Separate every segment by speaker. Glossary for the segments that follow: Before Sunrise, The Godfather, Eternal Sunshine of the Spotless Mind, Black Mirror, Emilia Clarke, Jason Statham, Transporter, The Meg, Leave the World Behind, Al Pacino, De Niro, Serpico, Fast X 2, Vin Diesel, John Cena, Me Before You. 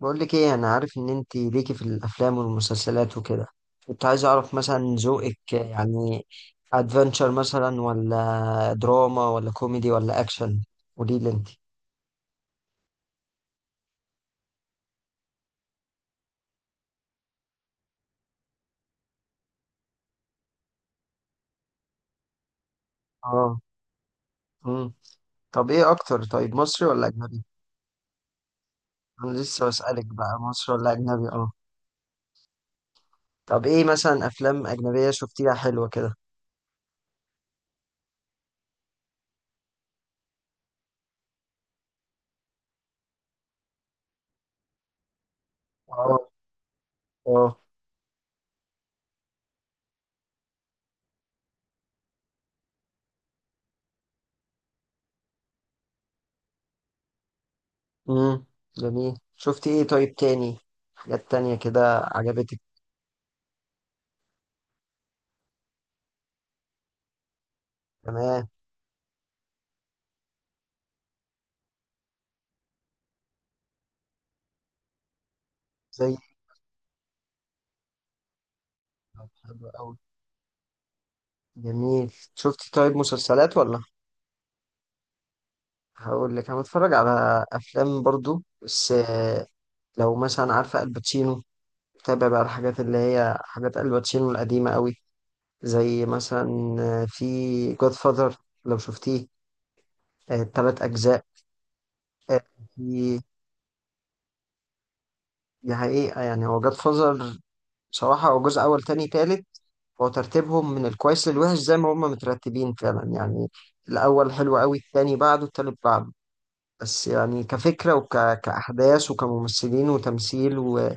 Speaker 1: بقول لك ايه، انا عارف ان انت ليكي في الافلام والمسلسلات وكده. كنت عايز اعرف مثلا ذوقك، يعني ادفنتشر مثلا ولا دراما ولا كوميدي ولا اكشن. قولي لي انت. اه. امم طب ايه اكتر، طيب مصري ولا اجنبي؟ انا لسه بسألك بقى مصري ولا اجنبي؟ اه. طب، ايه مثلا افلام اجنبية شفتيها حلوة كده؟ اه. اه. امم جميل، شفتي ايه طيب تاني؟ حاجات تانية كده عجبتك؟ تمام. زي. طب حلو أوي، جميل. شفت طيب مسلسلات ولا؟ هقول لك، انا بتفرج على افلام برضو بس لو مثلا عارفه الباتشينو، بتابع بقى الحاجات اللي هي حاجات الباتشينو القديمه قوي، زي مثلا في جود فاذر، لو شفتيه، الثلاث اجزاء. آه. في. دي حقيقه يعني، هو جود فاذر بصراحه، هو جزء اول تاني تالت، هو ترتيبهم من الكويس للوحش زي ما هم مترتبين فعلا يعني. الاول حلو قوي، التاني بعده، التالت بعده. بس يعني كفكرة كأحداث وكممثلين وتمثيل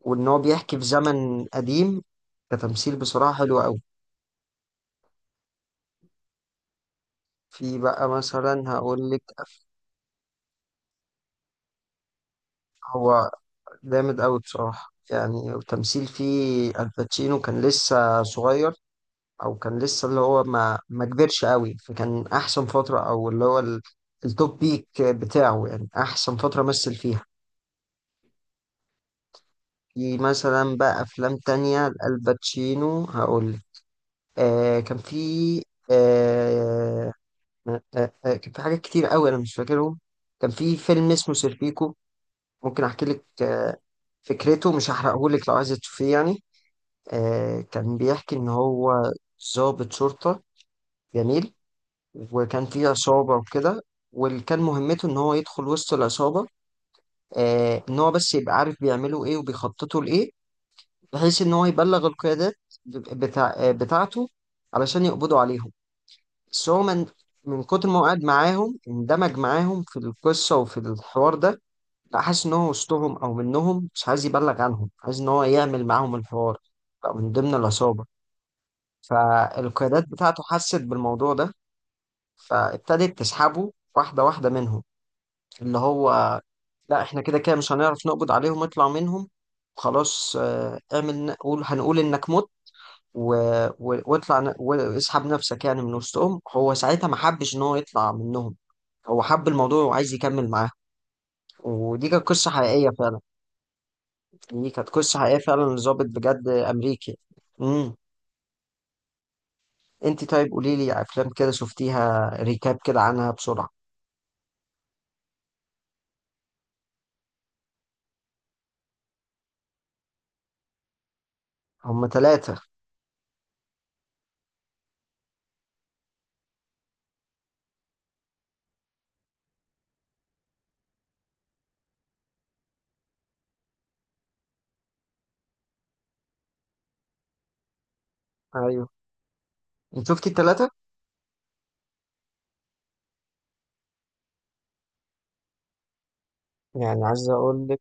Speaker 1: وإن هو بيحكي في زمن قديم، كتمثيل بصراحة حلو أوي. في بقى مثلا، هقول لك. هو جامد أوي بصراحة، يعني التمثيل فيه الباتشينو كان لسه صغير، أو كان لسه اللي هو ما كبرش أوي، فكان أحسن فترة، أو اللي هو التوب بيك بتاعه يعني أحسن فترة مثل فيها. في مثلا بقى أفلام تانية الباتشينو هقول. آه كان في آه آه آه آه، كان في حاجات كتير قوي انا مش فاكرهم. كان في فيلم اسمه سيرفيكو. ممكن احكي لك فكرته مش هحرقه لك لو عايزه تشوفيه يعني. كان بيحكي ان هو ضابط شرطة. جميل. وكان في عصابة وكده، واللي كان مهمته ان هو يدخل وسط العصابة، ان هو بس يبقى عارف بيعملوا ايه وبيخططوا لايه، بحيث ان هو يبلغ القيادات بتاعته علشان يقبضوا عليهم. بس هو من كتر ما هو قاعد معاهم، اندمج معاهم في القصة وفي الحوار ده، بقى حاسس إن هو وسطهم أو منهم، مش عايز يبلغ عنهم، عايز إن هو يعمل معاهم الحوار، بقى من ضمن العصابة. فالقيادات بتاعته حست بالموضوع ده، فابتدت تسحبه واحدة واحدة منهم، اللي هو لا، إحنا كده كده مش هنعرف نقبض عليهم، اطلع منهم. خلاص اعمل، قول هنقول إنك مت، و... واطلع واسحب نفسك يعني من وسطهم. هو ساعتها ما حبش إن هو يطلع منهم، هو حب الموضوع وعايز يكمل معاه. ودي كانت قصة حقيقية فعلا، دي كانت قصة حقيقية فعلا لظابط بجد أمريكي. امم. انت طيب، قولي لي أفلام كده شفتيها، ريكاب كده عنها بسرعة. هما ثلاثة. أيوه، انت شفتي الثلاثة؟ يعني عايز أقول لك.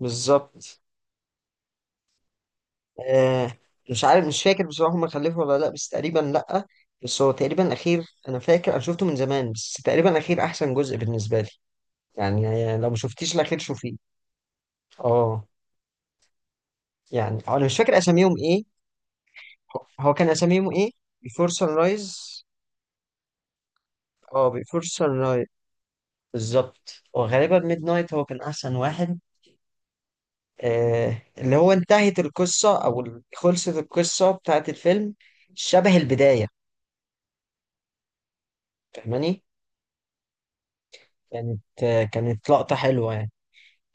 Speaker 1: بالظبط. آه مش عارف، مش فاكر بصراحة هما خلفوا ولا لأ، بس تقريبا لأ. بس هو تقريبا الأخير، أنا فاكر أنا شفته من زمان، بس تقريبا الأخير أحسن جزء بالنسبة لي. يعني لو ما شفتيش الأخير شوفيه. اه. يعني انا مش فاكر اساميهم ايه. هو كان اساميهم ايه؟ بيفور سان رايز. اه، بيفور سان رايز. بالظبط، وغالبا ميد نايت هو كان احسن واحد. اللي هو انتهت القصه، او خلصت القصه بتاعت الفيلم، شبه البدايه، فاهماني؟ كانت لقطه حلوه يعني.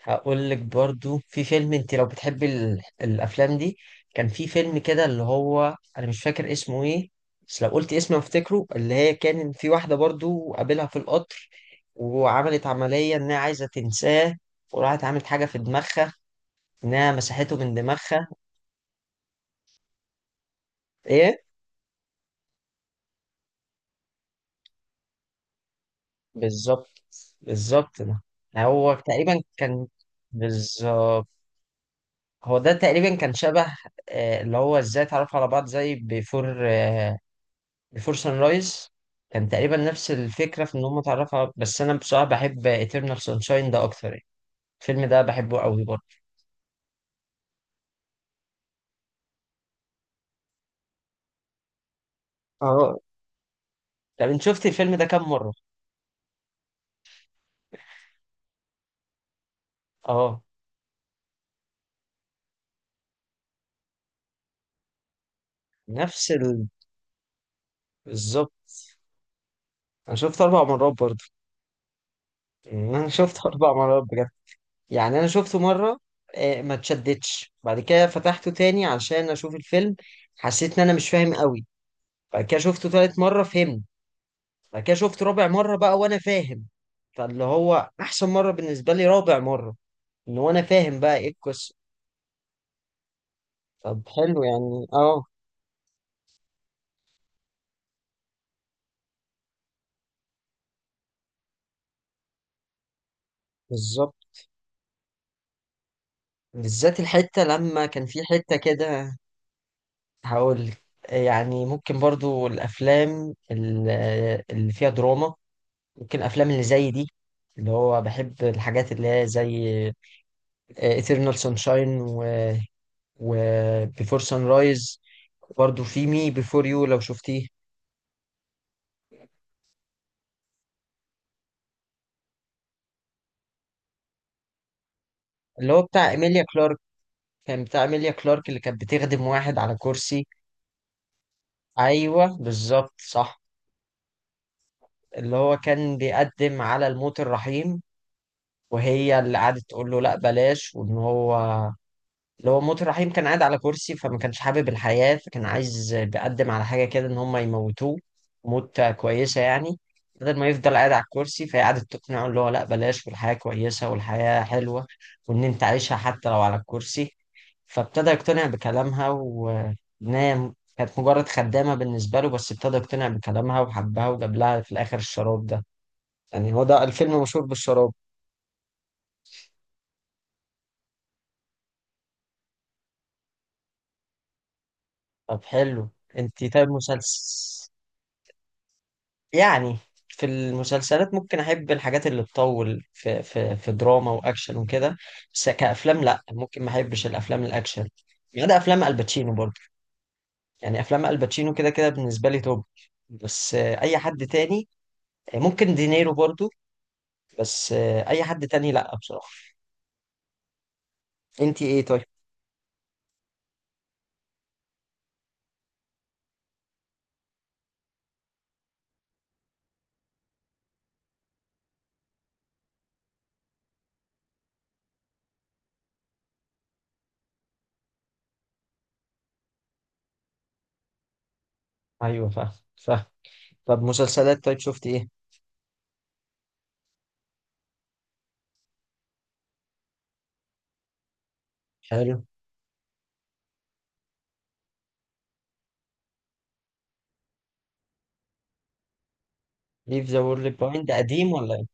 Speaker 1: هقول لك برضو، في فيلم، انت لو بتحبي الافلام دي، كان في فيلم كده اللي هو انا مش فاكر اسمه ايه، بس لو قلت اسمه افتكره. اللي هي كان في واحده برضو قابلها في القطر، وعملت عمليه انها عايزه تنساه، وراحت عملت حاجه في دماغها، انها مسحته من دماغها. ايه. بالظبط. بالظبط ده. هو تقريبا كان. بالظبط، هو ده تقريبا كان شبه اللي هو ازاي اتعرفوا على بعض زي بيفور، بيفور سان رايز. كان تقريبا نفس الفكرة، في إن هم اتعرفوا، بس أنا بصراحة بحب إترنال سانشاين ده أكتر يعني. الفيلم ده بحبه قوي برضه. اه. طب أنت شفت الفيلم ده كام مرة؟ أه. نفس ال... بالظبط. أنا شفته 4 مرات برضه. يعني أنا شفته 4 مرات بجد. يعني أنا شفته مرة، ما اتشدتش، بعد كده فتحته تاني عشان أشوف الفيلم، حسيت إن أنا مش فاهم قوي، بعد كده شفته تالت مرة فهمت، بعد كده شفته رابع مرة بقى وأنا فاهم. فاللي هو أحسن مرة بالنسبة لي رابع مرة، ان هو انا فاهم بقى ايه القصه. طب حلو يعني، اه. بالظبط، بالذات الحته لما كان في حته كده. هقول لك. يعني ممكن برضو الافلام اللي فيها دراما، ممكن الافلام اللي زي دي، اللي هو بحب الحاجات اللي هي زي Eternal Sunshine و Before Sunrise. برضو في مي Before You، لو شفتيه، اللي هو بتاع إيميليا كلارك. كان بتاع إيميليا كلارك اللي كانت بتخدم واحد على كرسي. أيوه، بالظبط، صح. اللي هو كان بيقدم على الموت الرحيم، وهي اللي قعدت تقول له لا بلاش، وان هو، اللي هو موت الرحيم، كان قاعد على كرسي فما كانش حابب الحياة، فكان عايز بيقدم على حاجة كده ان هم يموتوه موت كويسة يعني، بدل ما يفضل قاعد على الكرسي. فهي قعدت تقنعه اللي هو لا بلاش، والحياة كويسة والحياة حلوة، وان انت عايشها حتى لو على الكرسي. فابتدى يقتنع بكلامها، وانها كانت مجرد خدامة بالنسبة له، بس ابتدى يقتنع بكلامها وحبها، وجاب لها في الآخر الشراب ده. يعني هو ده الفيلم مشهور بالشراب. طب حلو. انت طيب مسلسل، يعني في المسلسلات ممكن احب الحاجات اللي تطول في دراما واكشن وكده، بس كافلام لا، ممكن ما احبش الافلام الاكشن، ما عدا افلام الباتشينو برضه. يعني افلام الباتشينو كده كده بالنسبه لي توب. بس اي حد تاني، ممكن دينيرو برضه، بس اي حد تاني لا بصراحه. انت ايه طيب؟ ايوه، فاهم فاهم. طب مسلسلات طيب، شفت ايه؟ حلو. ليف ذا وورلد بوينت ده قديم ولا؟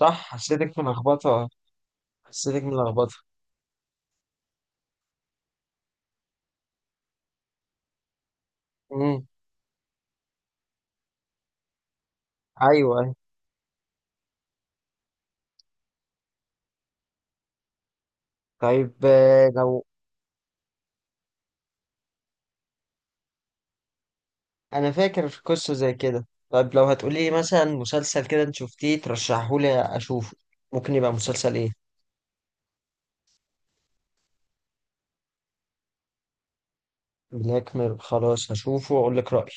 Speaker 1: صح، حسيتك ملخبطة. حسيتك ملخبطة. امم. أيوه، أيوه. طيب لو، أنا فاكر في قصة زي كده. طيب لو هتقولي مثلا مسلسل كده أنت شفتيه ترشحهولي أشوفه، ممكن يبقى مسلسل إيه؟ بلاك ميرور خلاص هشوفه وأقول لك رأيي.